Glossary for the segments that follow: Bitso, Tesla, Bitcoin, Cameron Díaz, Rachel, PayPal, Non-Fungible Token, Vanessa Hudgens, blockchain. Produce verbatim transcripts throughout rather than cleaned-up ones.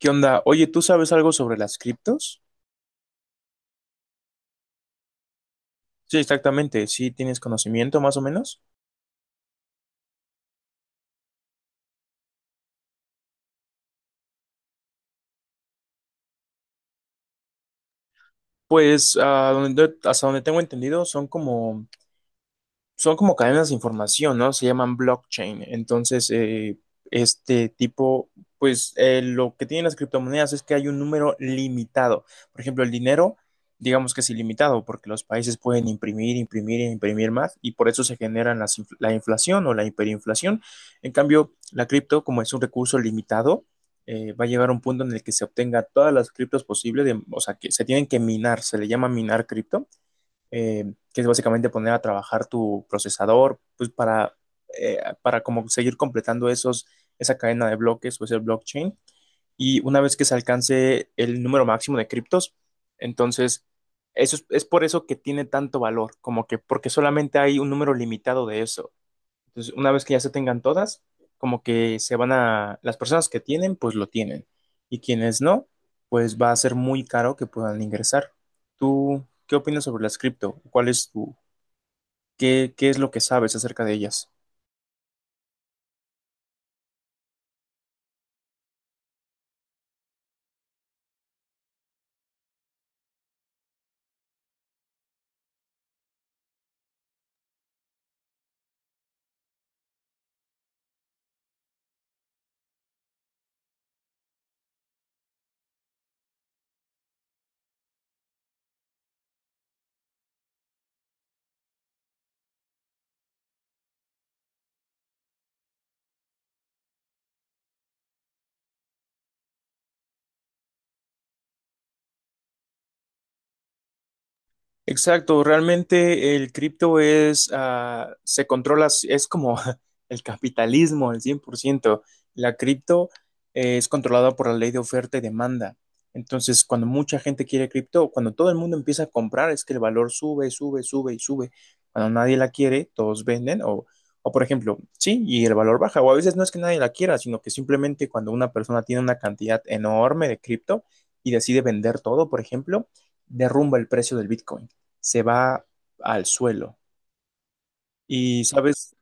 ¿Qué onda? Oye, ¿tú sabes algo sobre las criptos? Sí, exactamente. Sí, tienes conocimiento más o menos. Pues ah, donde- hasta donde tengo entendido, son como son como cadenas de información, ¿no? Se llaman blockchain. Entonces, eh, este tipo, pues eh, lo que tienen las criptomonedas es que hay un número limitado. Por ejemplo, el dinero, digamos que es ilimitado, porque los países pueden imprimir, imprimir e imprimir más, y por eso se generan las inf- la inflación o la hiperinflación. En cambio, la cripto, como es un recurso limitado, eh, va a llegar a un punto en el que se obtenga todas las criptos posibles, de- o sea, que se tienen que minar, se le llama minar cripto eh, que es básicamente poner a trabajar tu procesador, pues para, eh, para como seguir completando esos, esa cadena de bloques o ese blockchain. Y una vez que se alcance el número máximo de criptos, entonces eso es, es por eso que tiene tanto valor, como que porque solamente hay un número limitado de eso. Entonces, una vez que ya se tengan todas, como que se van a, las personas que tienen, pues lo tienen. Y quienes no, pues va a ser muy caro que puedan ingresar. ¿Tú qué opinas sobre las cripto? ¿Cuál es tu, qué, qué es lo que sabes acerca de ellas? Exacto, realmente el cripto es, ah, se controla, es como el capitalismo al cien por ciento. La cripto eh, es controlada por la ley de oferta y demanda. Entonces, cuando mucha gente quiere cripto, cuando todo el mundo empieza a comprar, es que el valor sube, sube, sube y sube. Cuando nadie la quiere, todos venden o, o por ejemplo, sí, y el valor baja. O a veces no es que nadie la quiera, sino que simplemente cuando una persona tiene una cantidad enorme de cripto y decide vender todo, por ejemplo, derrumba el precio del Bitcoin se va al suelo. Y, ¿sabes?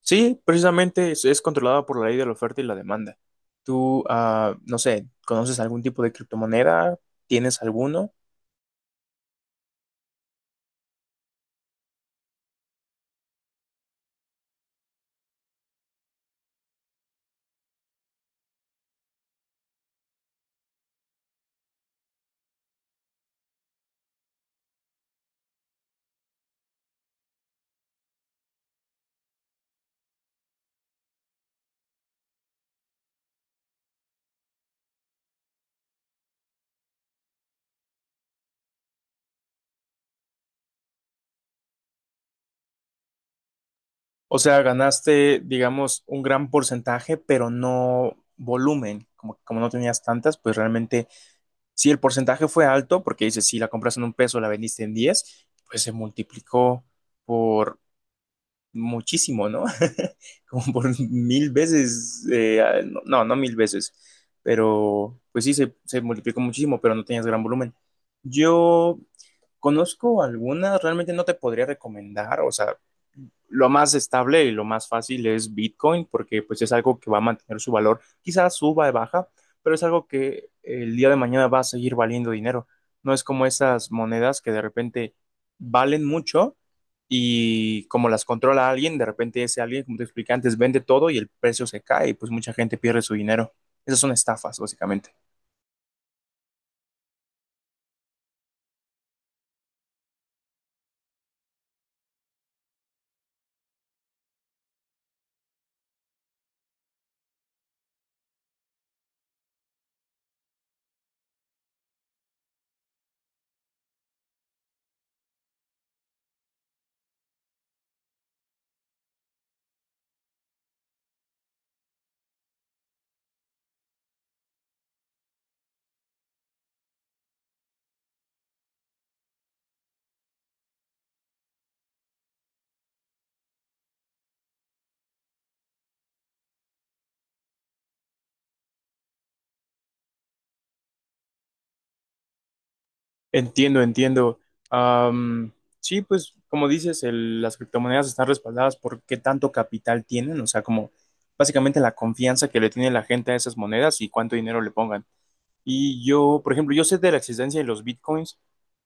Sí, precisamente es, es controlada por la ley de la oferta y la demanda. Tú, ah, no sé, ¿conoces algún tipo de criptomoneda? ¿Tienes alguno? O sea, ganaste, digamos, un gran porcentaje, pero no volumen. Como, como no tenías tantas, pues realmente, si el porcentaje fue alto, porque dices, si la compras en un peso, la vendiste en diez pues se multiplicó por muchísimo, ¿no? Como por mil veces, eh, no, no no mil veces, pero pues sí, se, se multiplicó muchísimo, pero no tenías gran volumen. Yo conozco algunas, realmente no te podría recomendar, o sea, lo más estable y lo más fácil es Bitcoin, porque pues es algo que va a mantener su valor, quizás suba y baja, pero es algo que el día de mañana va a seguir valiendo dinero. No es como esas monedas que de repente valen mucho y como las controla alguien, de repente ese alguien, como te expliqué antes, vende todo y el precio se cae y pues mucha gente pierde su dinero. Esas son estafas, básicamente. Entiendo, entiendo. Am, sí, pues como dices, el- las criptomonedas están respaldadas por qué tanto capital tienen, o sea, como básicamente la confianza que le tiene la gente a esas monedas y cuánto dinero le pongan. Y yo, por ejemplo, yo sé de la existencia de los bitcoins,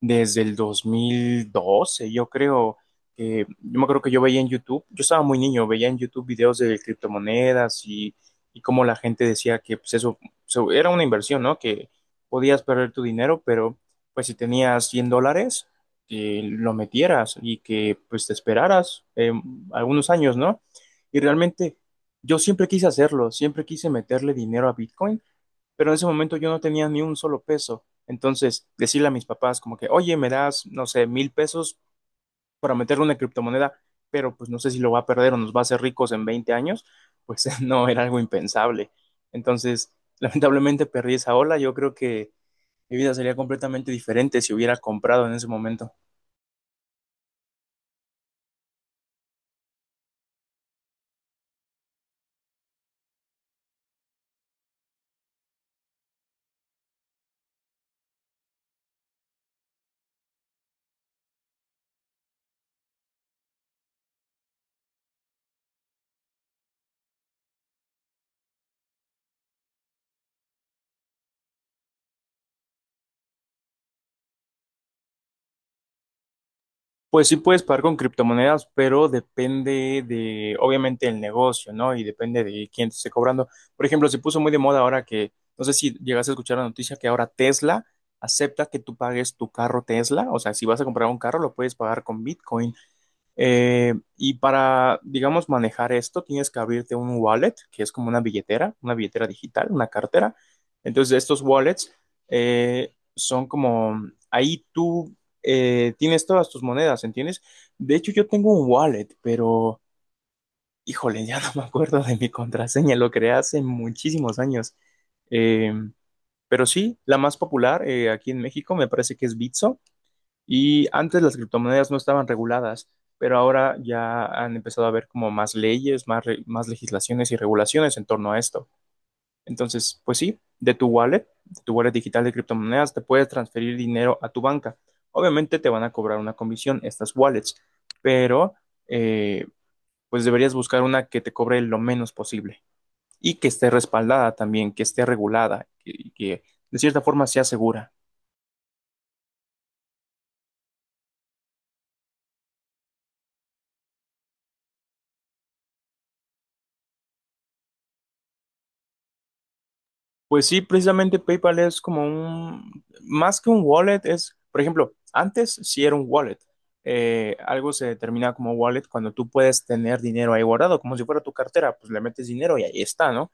desde el dos mil doce, yo creo que, yo me acuerdo que yo veía en YouTube, yo estaba muy niño, veía en YouTube videos de criptomonedas y, y cómo la gente decía que pues eso, eso era una inversión, ¿no? Que podías perder tu dinero, pero pues si tenías cien dólares, que lo metieras y que pues te esperaras eh, algunos años, ¿no? Y realmente yo siempre quise hacerlo, siempre quise meterle dinero a Bitcoin pero en ese momento yo no tenía ni un solo peso. Entonces, decirle a mis papás como que, oye, me das, no sé, mil pesos para meterle una criptomoneda, pero pues no sé si lo va a perder o nos va a hacer ricos en veinte años, pues no, era algo impensable. Entonces, lamentablemente perdí esa ola. Yo creo que mi vida sería completamente diferente si hubiera comprado en ese momento. Pues sí puedes pagar con criptomonedas, pero depende de, obviamente, el negocio, ¿no? Y depende de quién te esté cobrando. Por ejemplo, se puso muy de moda ahora que, no sé si llegaste a escuchar la noticia que ahora Tesla acepta que tú pagues tu carro Tesla. O sea, si vas a comprar un carro, lo puedes pagar con Bitcoin. Eh, y para, digamos, manejar esto, tienes que abrirte un wallet, que es como una billetera, una billetera digital, una cartera. Entonces, estos wallets eh, son como, ahí tú eh, tienes todas tus monedas, ¿entiendes? De hecho, yo tengo un wallet, pero, híjole, ya no me acuerdo de mi contraseña, lo creé hace muchísimos años. Eh, pero sí, la más popular eh, aquí en México me parece que es Bitso. Y antes las criptomonedas no estaban reguladas, pero ahora ya han empezado a haber como más leyes, más, re- más legislaciones y regulaciones en torno a esto. Entonces, pues sí, de tu wallet, de tu wallet digital de criptomonedas, te puedes transferir dinero a tu banca. Obviamente te van a cobrar una comisión estas wallets, pero eh, pues deberías buscar una que te cobre lo menos posible y que esté respaldada también, que esté regulada y que de cierta forma sea segura. Pues sí, precisamente PayPal es como un, más que un wallet, es, por ejemplo, antes sí era un wallet. Eh, algo se determina como wallet cuando tú puedes tener dinero ahí guardado, como si fuera tu cartera, pues le metes dinero y ahí está, ¿no?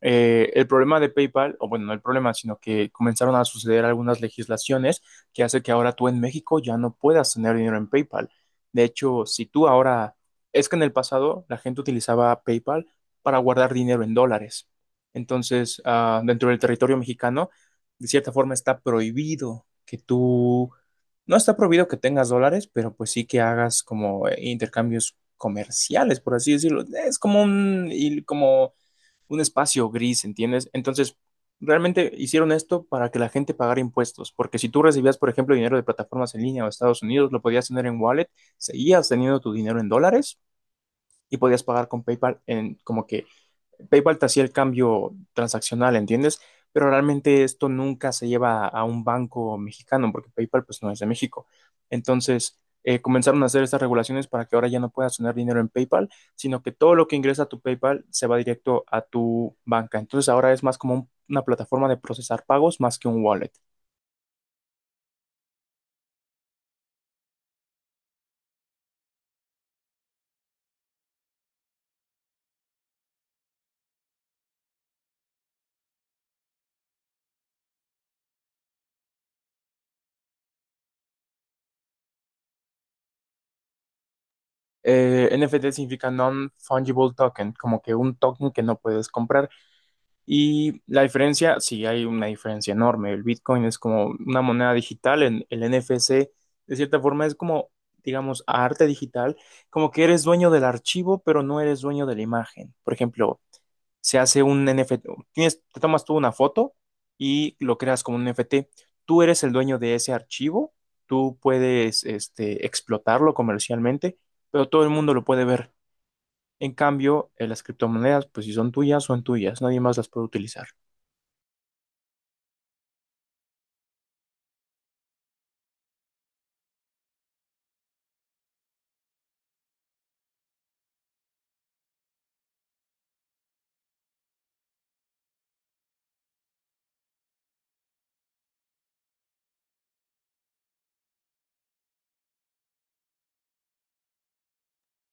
Eh, el problema de PayPal, o bueno, no el problema, sino que comenzaron a suceder algunas legislaciones que hace que ahora tú en México ya no puedas tener dinero en PayPal. De hecho, si tú ahora, es que en el pasado la gente utilizaba PayPal para guardar dinero en dólares. Entonces, ah, dentro del territorio mexicano, de cierta forma está prohibido que tú, no está prohibido que tengas dólares, pero pues sí que hagas como eh, intercambios comerciales, por así decirlo. Es como un, y como un espacio gris, ¿entiendes? Entonces, realmente hicieron esto para que la gente pagara impuestos, porque si tú recibías, por ejemplo, dinero de plataformas en línea o Estados Unidos, lo podías tener en wallet, seguías teniendo tu dinero en dólares y podías pagar con PayPal en como que PayPal te hacía el cambio transaccional, ¿entiendes? Pero realmente esto nunca se lleva a un banco mexicano porque PayPal pues no es de México. Entonces, eh, comenzaron a hacer estas regulaciones para que ahora ya no puedas tener dinero en PayPal, sino que todo lo que ingresa a tu PayPal se va directo a tu banca. Entonces, ahora es más como un- una plataforma de procesar pagos más que un wallet. Eh, N F T significa Non-Fungible Token, como que un token que no puedes comprar. Y la diferencia, sí, hay una diferencia enorme. El Bitcoin es como una moneda digital, en el N F C, de cierta forma, es como, digamos, arte digital, como que eres dueño del archivo, pero no eres dueño de la imagen. Por ejemplo, se hace un N F T, tienes, te tomas tú una foto y lo creas como un N F T. Tú eres el dueño de ese archivo, tú puedes, este, explotarlo comercialmente, pero todo el mundo lo puede ver. En cambio, eh, las criptomonedas, pues si son tuyas, son tuyas, nadie más las puede utilizar.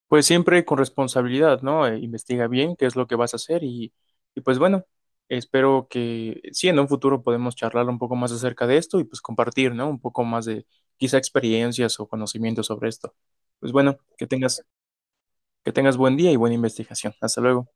Pues siempre con responsabilidad, ¿no? Eh, investiga bien qué es lo que vas a hacer y, y pues bueno, espero que sí, en un futuro podemos charlar un poco más acerca de esto y pues compartir, ¿no? Un poco más de quizá experiencias o conocimientos sobre esto. Pues bueno, que tengas, que tengas buen día y buena investigación. Hasta luego.